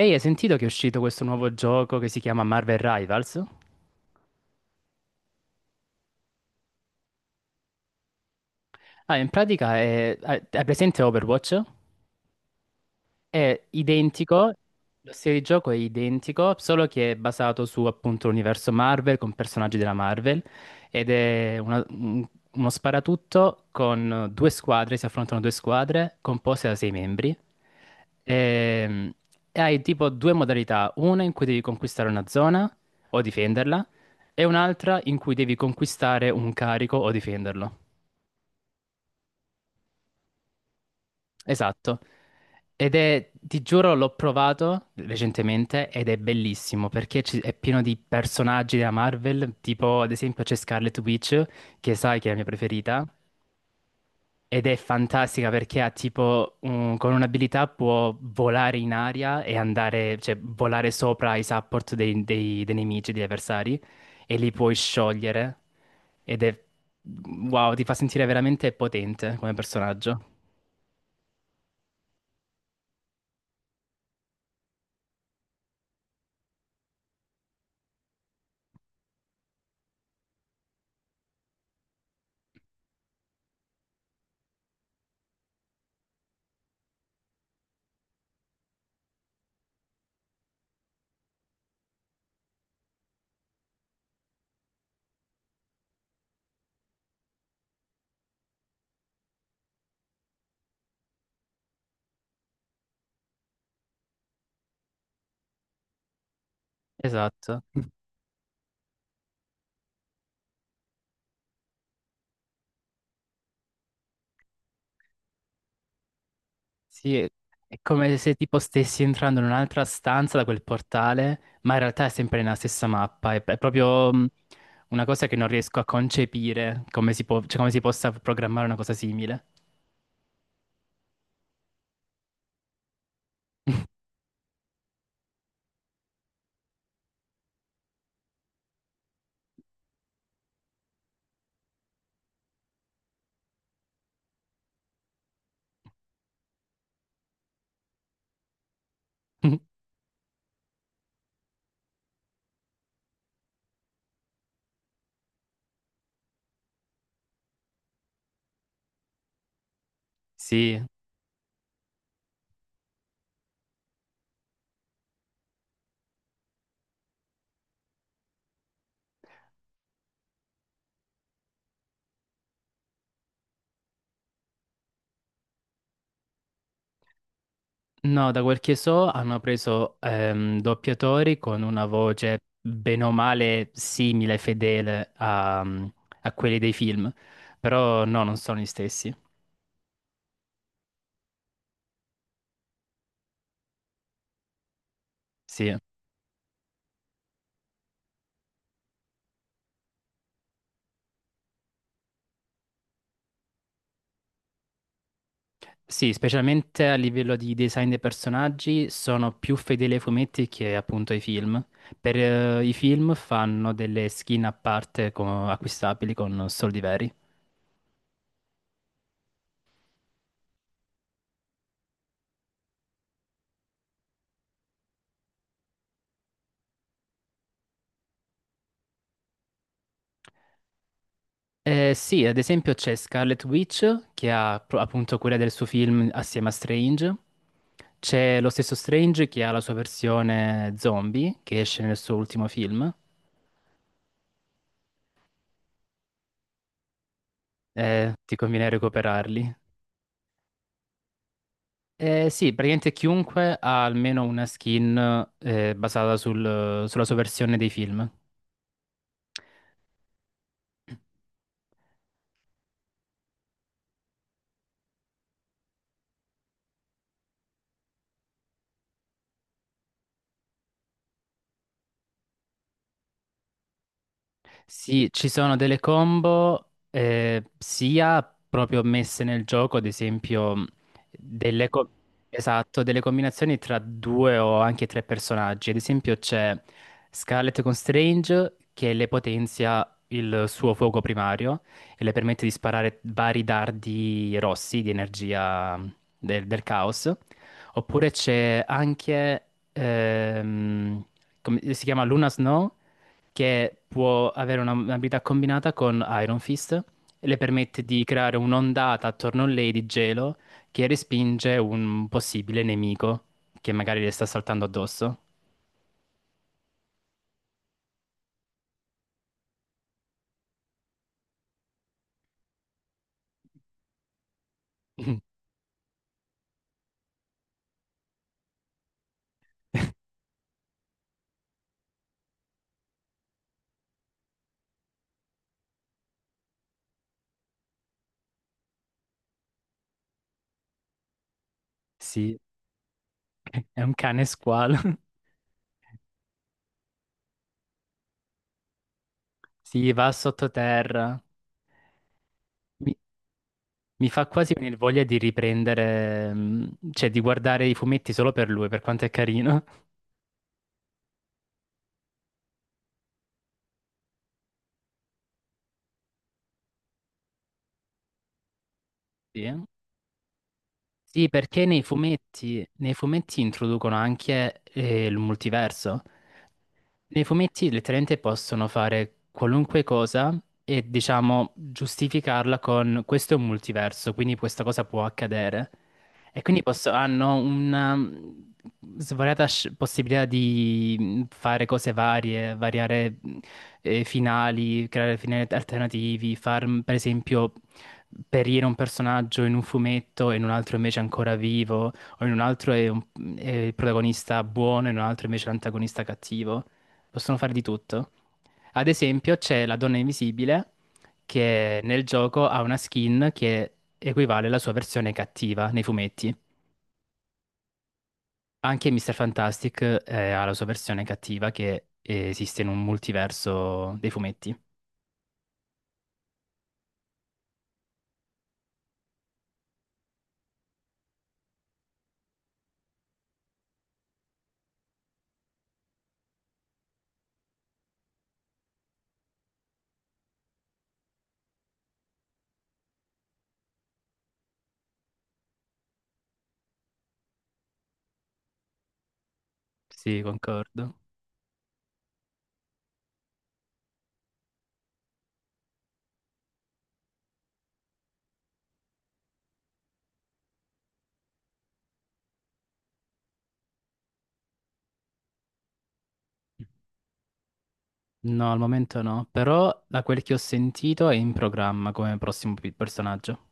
Ehi, hai sentito che è uscito questo nuovo gioco che si chiama Marvel Rivals? Ah, in pratica è... Hai presente Overwatch? È identico, lo stile di gioco è identico, solo che è basato su appunto l'universo Marvel con personaggi della Marvel ed è uno sparatutto con due squadre, si affrontano due squadre composte da sei membri. Ehm, E hai tipo due modalità, una in cui devi conquistare una zona o difenderla e un'altra in cui devi conquistare un carico o difenderlo. Esatto. Ed è, ti giuro, l'ho provato recentemente ed è bellissimo perché è pieno di personaggi della Marvel, tipo ad esempio c'è Scarlet Witch, che sai che è la mia preferita, ed è fantastica perché ha tipo, con un'abilità può volare in aria e andare, cioè volare sopra i support dei nemici, degli avversari, e li puoi sciogliere. Ed è, wow, ti fa sentire veramente potente come personaggio. Esatto. Sì, è come se tipo stessi entrando in un'altra stanza da quel portale, ma in realtà è sempre nella stessa mappa. È proprio una cosa che non riesco a concepire, come si cioè, come si possa programmare una cosa simile. Sì, no, da quel che so hanno preso doppiatori con una voce bene o male simile, fedele a, a quelli dei film, però no, non sono gli stessi. Sì. Sì, specialmente a livello di design dei personaggi sono più fedeli ai fumetti che appunto ai film. Per i film fanno delle skin a parte acquistabili con soldi veri. Sì, ad esempio c'è Scarlet Witch che ha appunto quella del suo film assieme a Strange. C'è lo stesso Strange che ha la sua versione zombie che esce nel suo ultimo film. Ti conviene recuperarli. Sì, praticamente chiunque ha almeno una skin basata sulla sua versione dei film. Sì, ci sono delle combo sia proprio messe nel gioco, ad esempio delle, co- esatto, delle combinazioni tra due o anche tre personaggi. Ad esempio c'è Scarlet con Strange che le potenzia il suo fuoco primario e le permette di sparare vari dardi rossi di energia del caos. Oppure c'è anche, ehm, come si chiama Luna Snow? Che può avere un'abilità combinata con Iron Fist e le permette di creare un'ondata attorno a lei di gelo che respinge un possibile nemico che magari le sta saltando addosso. Sì, è un cane squalo. Sì, va sottoterra. Mi, mi fa quasi venire voglia di riprendere, cioè di guardare i fumetti solo per lui, per quanto è carino. Sì. Sì, perché nei fumetti introducono anche il multiverso. Nei fumetti letteralmente possono fare qualunque cosa e diciamo giustificarla con questo è un multiverso, quindi questa cosa può accadere. E quindi hanno una svariata possibilità di fare cose varie, variare finali, creare finali alternativi, far per esempio perire un personaggio in un fumetto e in un altro invece ancora vivo, o in un altro è il protagonista buono e in un altro invece l'antagonista cattivo, possono fare di tutto. Ad esempio, c'è la donna invisibile che nel gioco ha una skin che equivale alla sua versione cattiva nei fumetti. Anche Mr. Fantastic ha la sua versione cattiva che esiste in un multiverso dei fumetti. Sì, concordo. No, al momento no, però da quel che ho sentito è in programma come prossimo personaggio.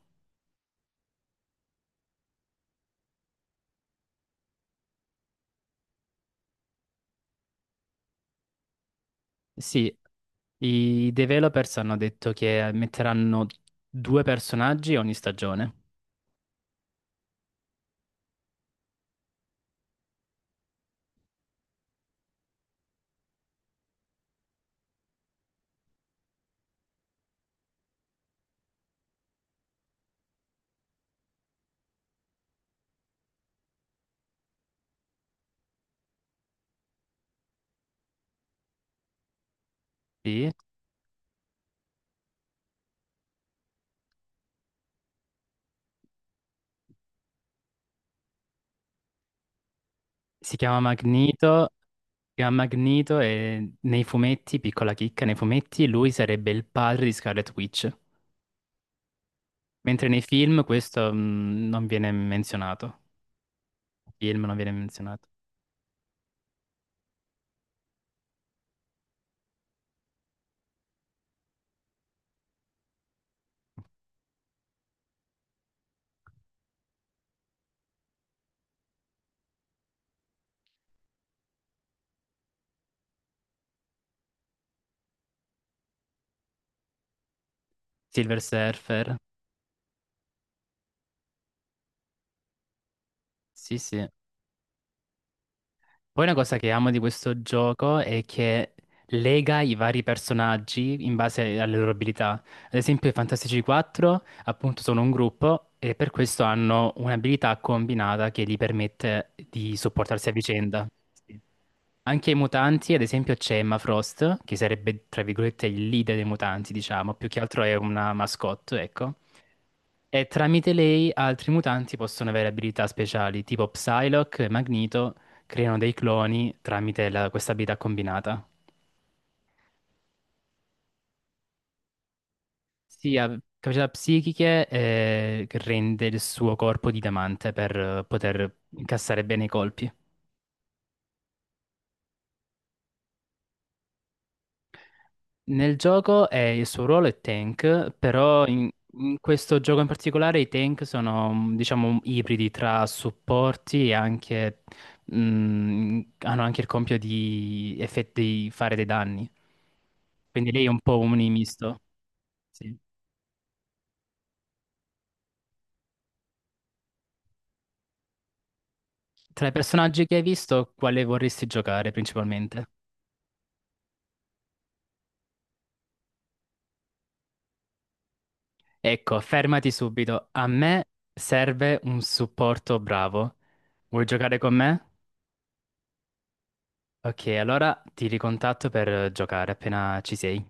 Sì, i developers hanno detto che metteranno due personaggi ogni stagione. Sì. Si chiama Magneto, si chiama Magneto e nei fumetti, piccola chicca, nei fumetti lui sarebbe il padre di Scarlet Witch, mentre nei film questo non viene menzionato. Film non viene menzionato. Silver Surfer, sì sì. Poi una cosa che amo di questo gioco è che lega i vari personaggi in base alle loro abilità. Ad esempio, i Fantastici 4 appunto sono un gruppo e per questo hanno un'abilità combinata che gli permette di supportarsi a vicenda. Sì. Anche i mutanti, ad esempio, c'è Emma Frost, che sarebbe tra virgolette il leader dei mutanti, diciamo, più che altro è una mascotte, ecco. E tramite lei altri mutanti possono avere abilità speciali, tipo Psylocke e Magneto, creano dei cloni tramite questa abilità combinata. Sì, ha capacità psichiche che rende il suo corpo di diamante per poter incassare bene i colpi. Nel gioco il suo ruolo è tank, però in questo gioco in particolare i tank sono, diciamo, ibridi tra supporti e anche, hanno anche il compito di, di fare dei danni. Quindi lei è un po' un misto. Sì. Tra i personaggi che hai visto, quale vorresti giocare principalmente? Ecco, fermati subito. A me serve un supporto bravo. Vuoi giocare con me? Ok, allora ti ricontatto per giocare appena ci sei.